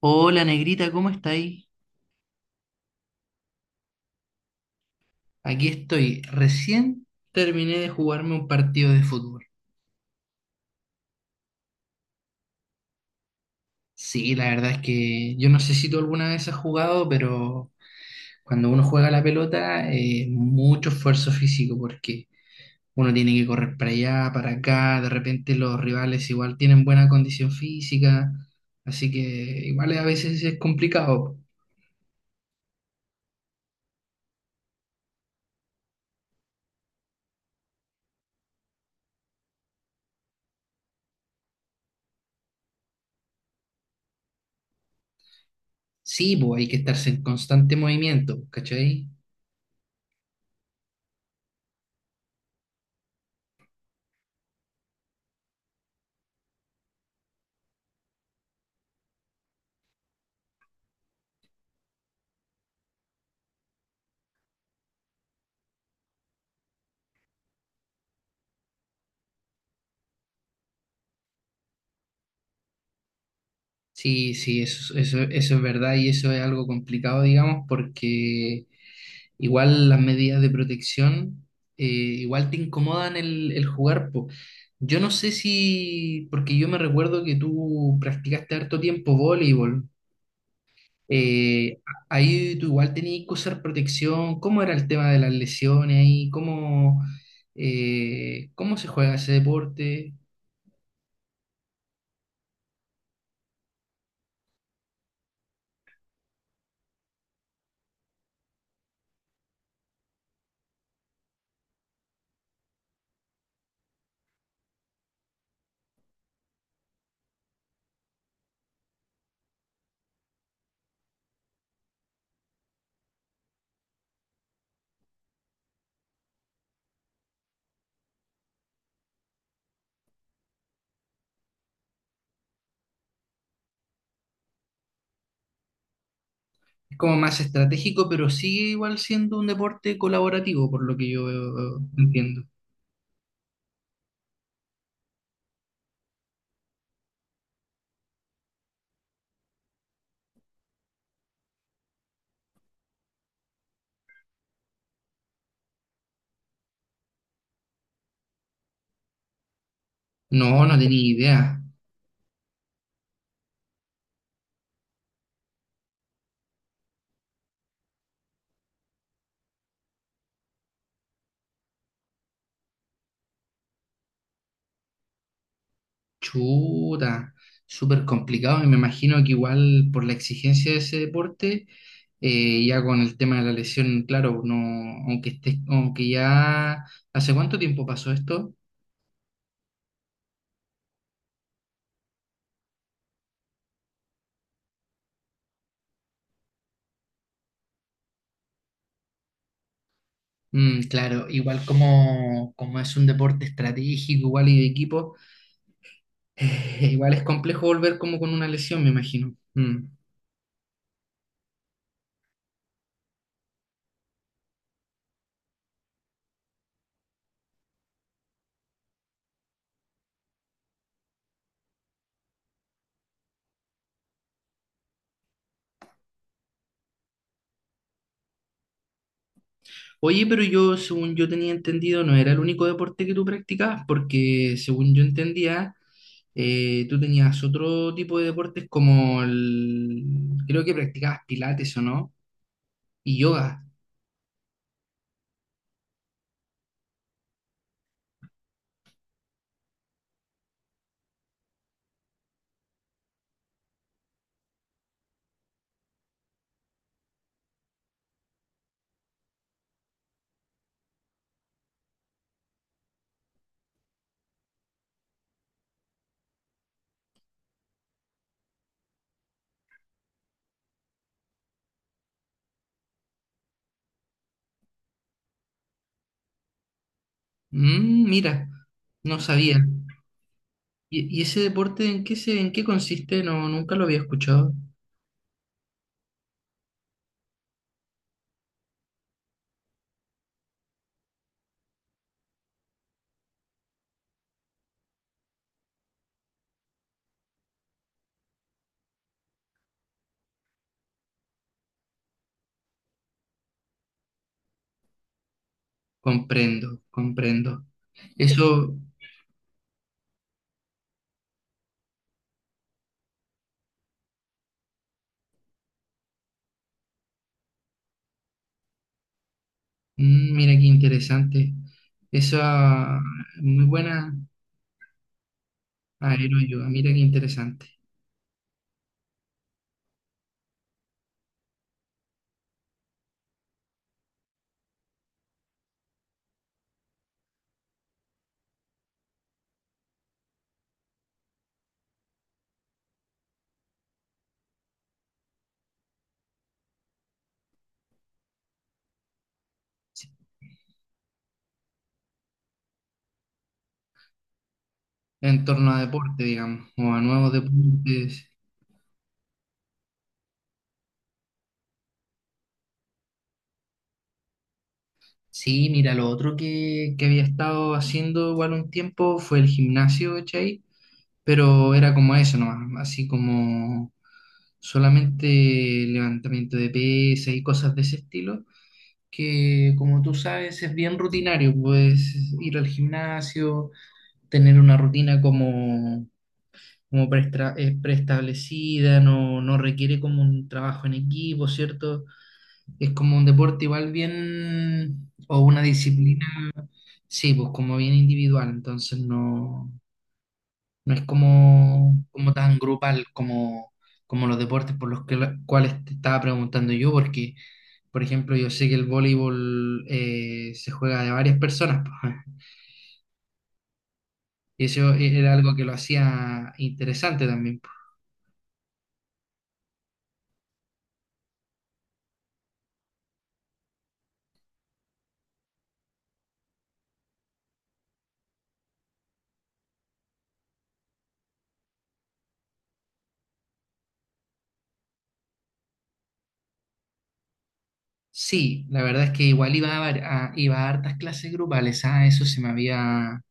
Hola negrita, ¿cómo estáis? Aquí estoy. Recién terminé de jugarme un partido de fútbol. Sí, la verdad es que yo no sé si tú alguna vez has jugado, pero cuando uno juega la pelota, mucho esfuerzo físico porque uno tiene que correr para allá, para acá. De repente los rivales igual tienen buena condición física, así que igual a veces es complicado. Sí, pues hay que estarse en constante movimiento, ¿cachai? Sí, sí, eso es verdad y eso es algo complicado, digamos, porque igual las medidas de protección igual te incomodan el jugar, po. Yo no sé si, porque yo me recuerdo que tú practicaste harto tiempo voleibol, eh, ahí tú igual tenías que usar protección. ¿Cómo era el tema de las lesiones ahí? ¿Cómo, cómo se juega ese deporte? Es como más estratégico, pero sigue igual siendo un deporte colaborativo, por lo que yo entiendo. No, no tenía idea. Chuta, súper complicado. Y me imagino que igual por la exigencia de ese deporte, ya con el tema de la lesión, claro, no, aunque estés, aunque ya. ¿Hace cuánto tiempo pasó esto? Mm, claro, igual como, como es un deporte estratégico, igual y de equipo, igual es complejo volver como con una lesión, me imagino. Mm. Oye, pero yo, según yo tenía entendido, no era el único deporte que tú practicabas, porque según yo entendía, tú tenías otro tipo de deportes como el... Creo que practicabas pilates o no, y yoga. Mm, mira, no sabía. Y ese deporte en qué se, en qué consiste? No, nunca lo había escuchado. Comprendo, comprendo. Eso, mm, mira qué interesante. Esa muy buena aeroyoga, mira qué interesante. En torno a deporte, digamos, o a nuevos deportes. Sí, mira, lo otro que había estado haciendo igual un tiempo fue el gimnasio, ¿cachai? Pero era como eso nomás, así como solamente levantamiento de pesas y cosas de ese estilo, que como tú sabes es bien rutinario. Puedes ir al gimnasio, tener una rutina como, como preestablecida. No, no requiere como un trabajo en equipo, ¿cierto? Es como un deporte igual bien, o una disciplina, sí, pues como bien individual. Entonces no, no es como, como tan grupal como, como los deportes por los que, cuales te estaba preguntando yo, porque, por ejemplo, yo sé que el voleibol se juega de varias personas, pues, y eso e, era algo que lo hacía interesante también, pues. Sí, la verdad es que igual iba a, iba a hartas clases grupales. Ah, eso se me había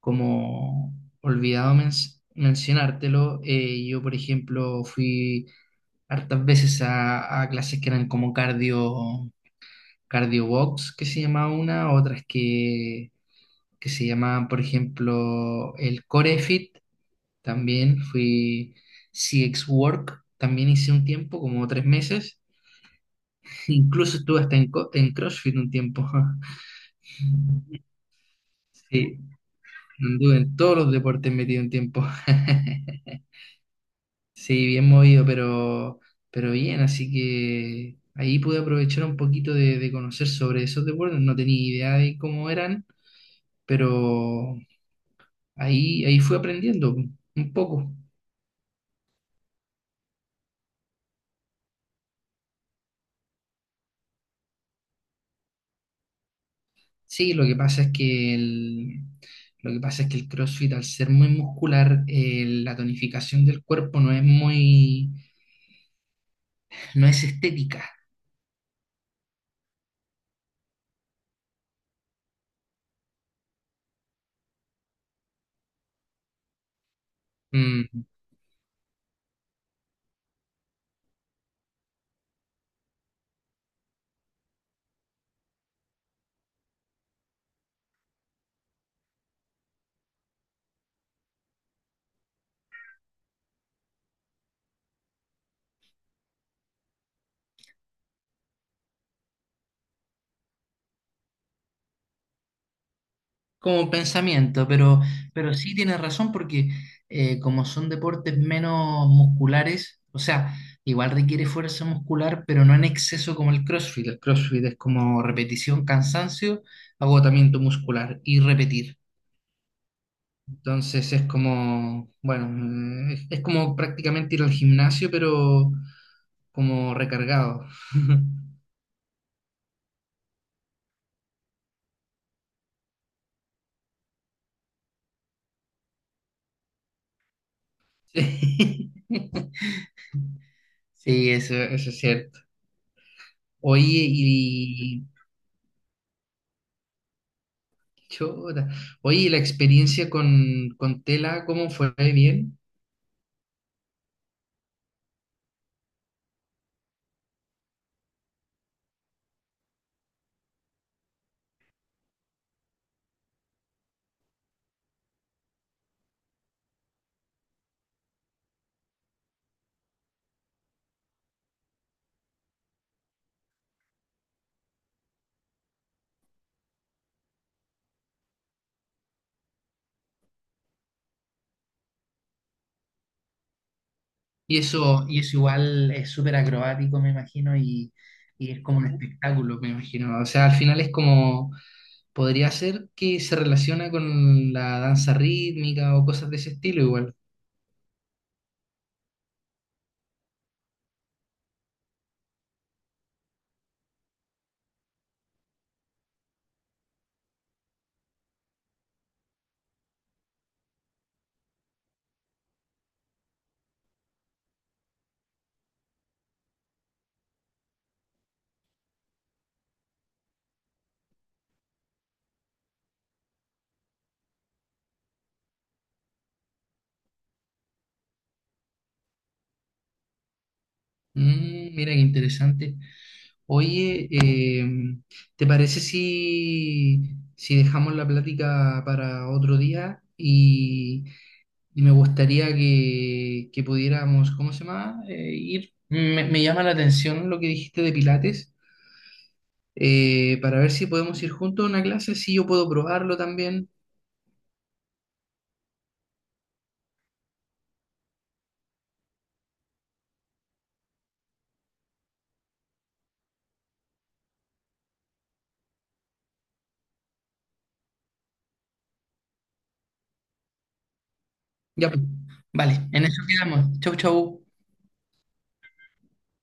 como olvidado mencionártelo. Eh, yo, por ejemplo, fui hartas veces a clases que eran como cardio, cardio box, que se llamaba una, otras que se llamaban, por ejemplo, el Core Fit, también fui CX Work, también hice un tiempo, como 3 meses, incluso estuve hasta en, en CrossFit un tiempo. Sí, anduve en todos los deportes metido un tiempo. Sí, bien movido, pero bien, así que ahí pude aprovechar un poquito de conocer sobre esos deportes. No tenía idea de cómo eran, pero ahí, ahí fui aprendiendo un poco. Sí, lo que pasa es que el, lo que pasa es que el CrossFit, al ser muy muscular, la tonificación del cuerpo no es muy, no es estética. Mm. Como pensamiento, pero sí tienes razón porque como son deportes menos musculares, o sea, igual requiere fuerza muscular, pero no en exceso como el CrossFit. El CrossFit es como repetición, cansancio, agotamiento muscular y repetir. Entonces es como, bueno, es como prácticamente ir al gimnasio, pero como recargado. Sí, sí, eso es cierto. Oye, y Chuta. Oye, ¿y la experiencia con tela, ¿cómo fue? ¿Bien? Y eso igual es súper acrobático, me imagino, y es como un espectáculo, me imagino. O sea, al final es como, podría ser que se relaciona con la danza rítmica o cosas de ese estilo igual. Mm, mira qué interesante. Oye, ¿te parece si, si dejamos la plática para otro día? Y me gustaría que pudiéramos, ¿cómo se llama? Ir. Me, me llama la atención lo que dijiste de Pilates, para ver si podemos ir juntos a una clase, si yo puedo probarlo también. Ya, pues, vale, en eso quedamos. Chau, chau.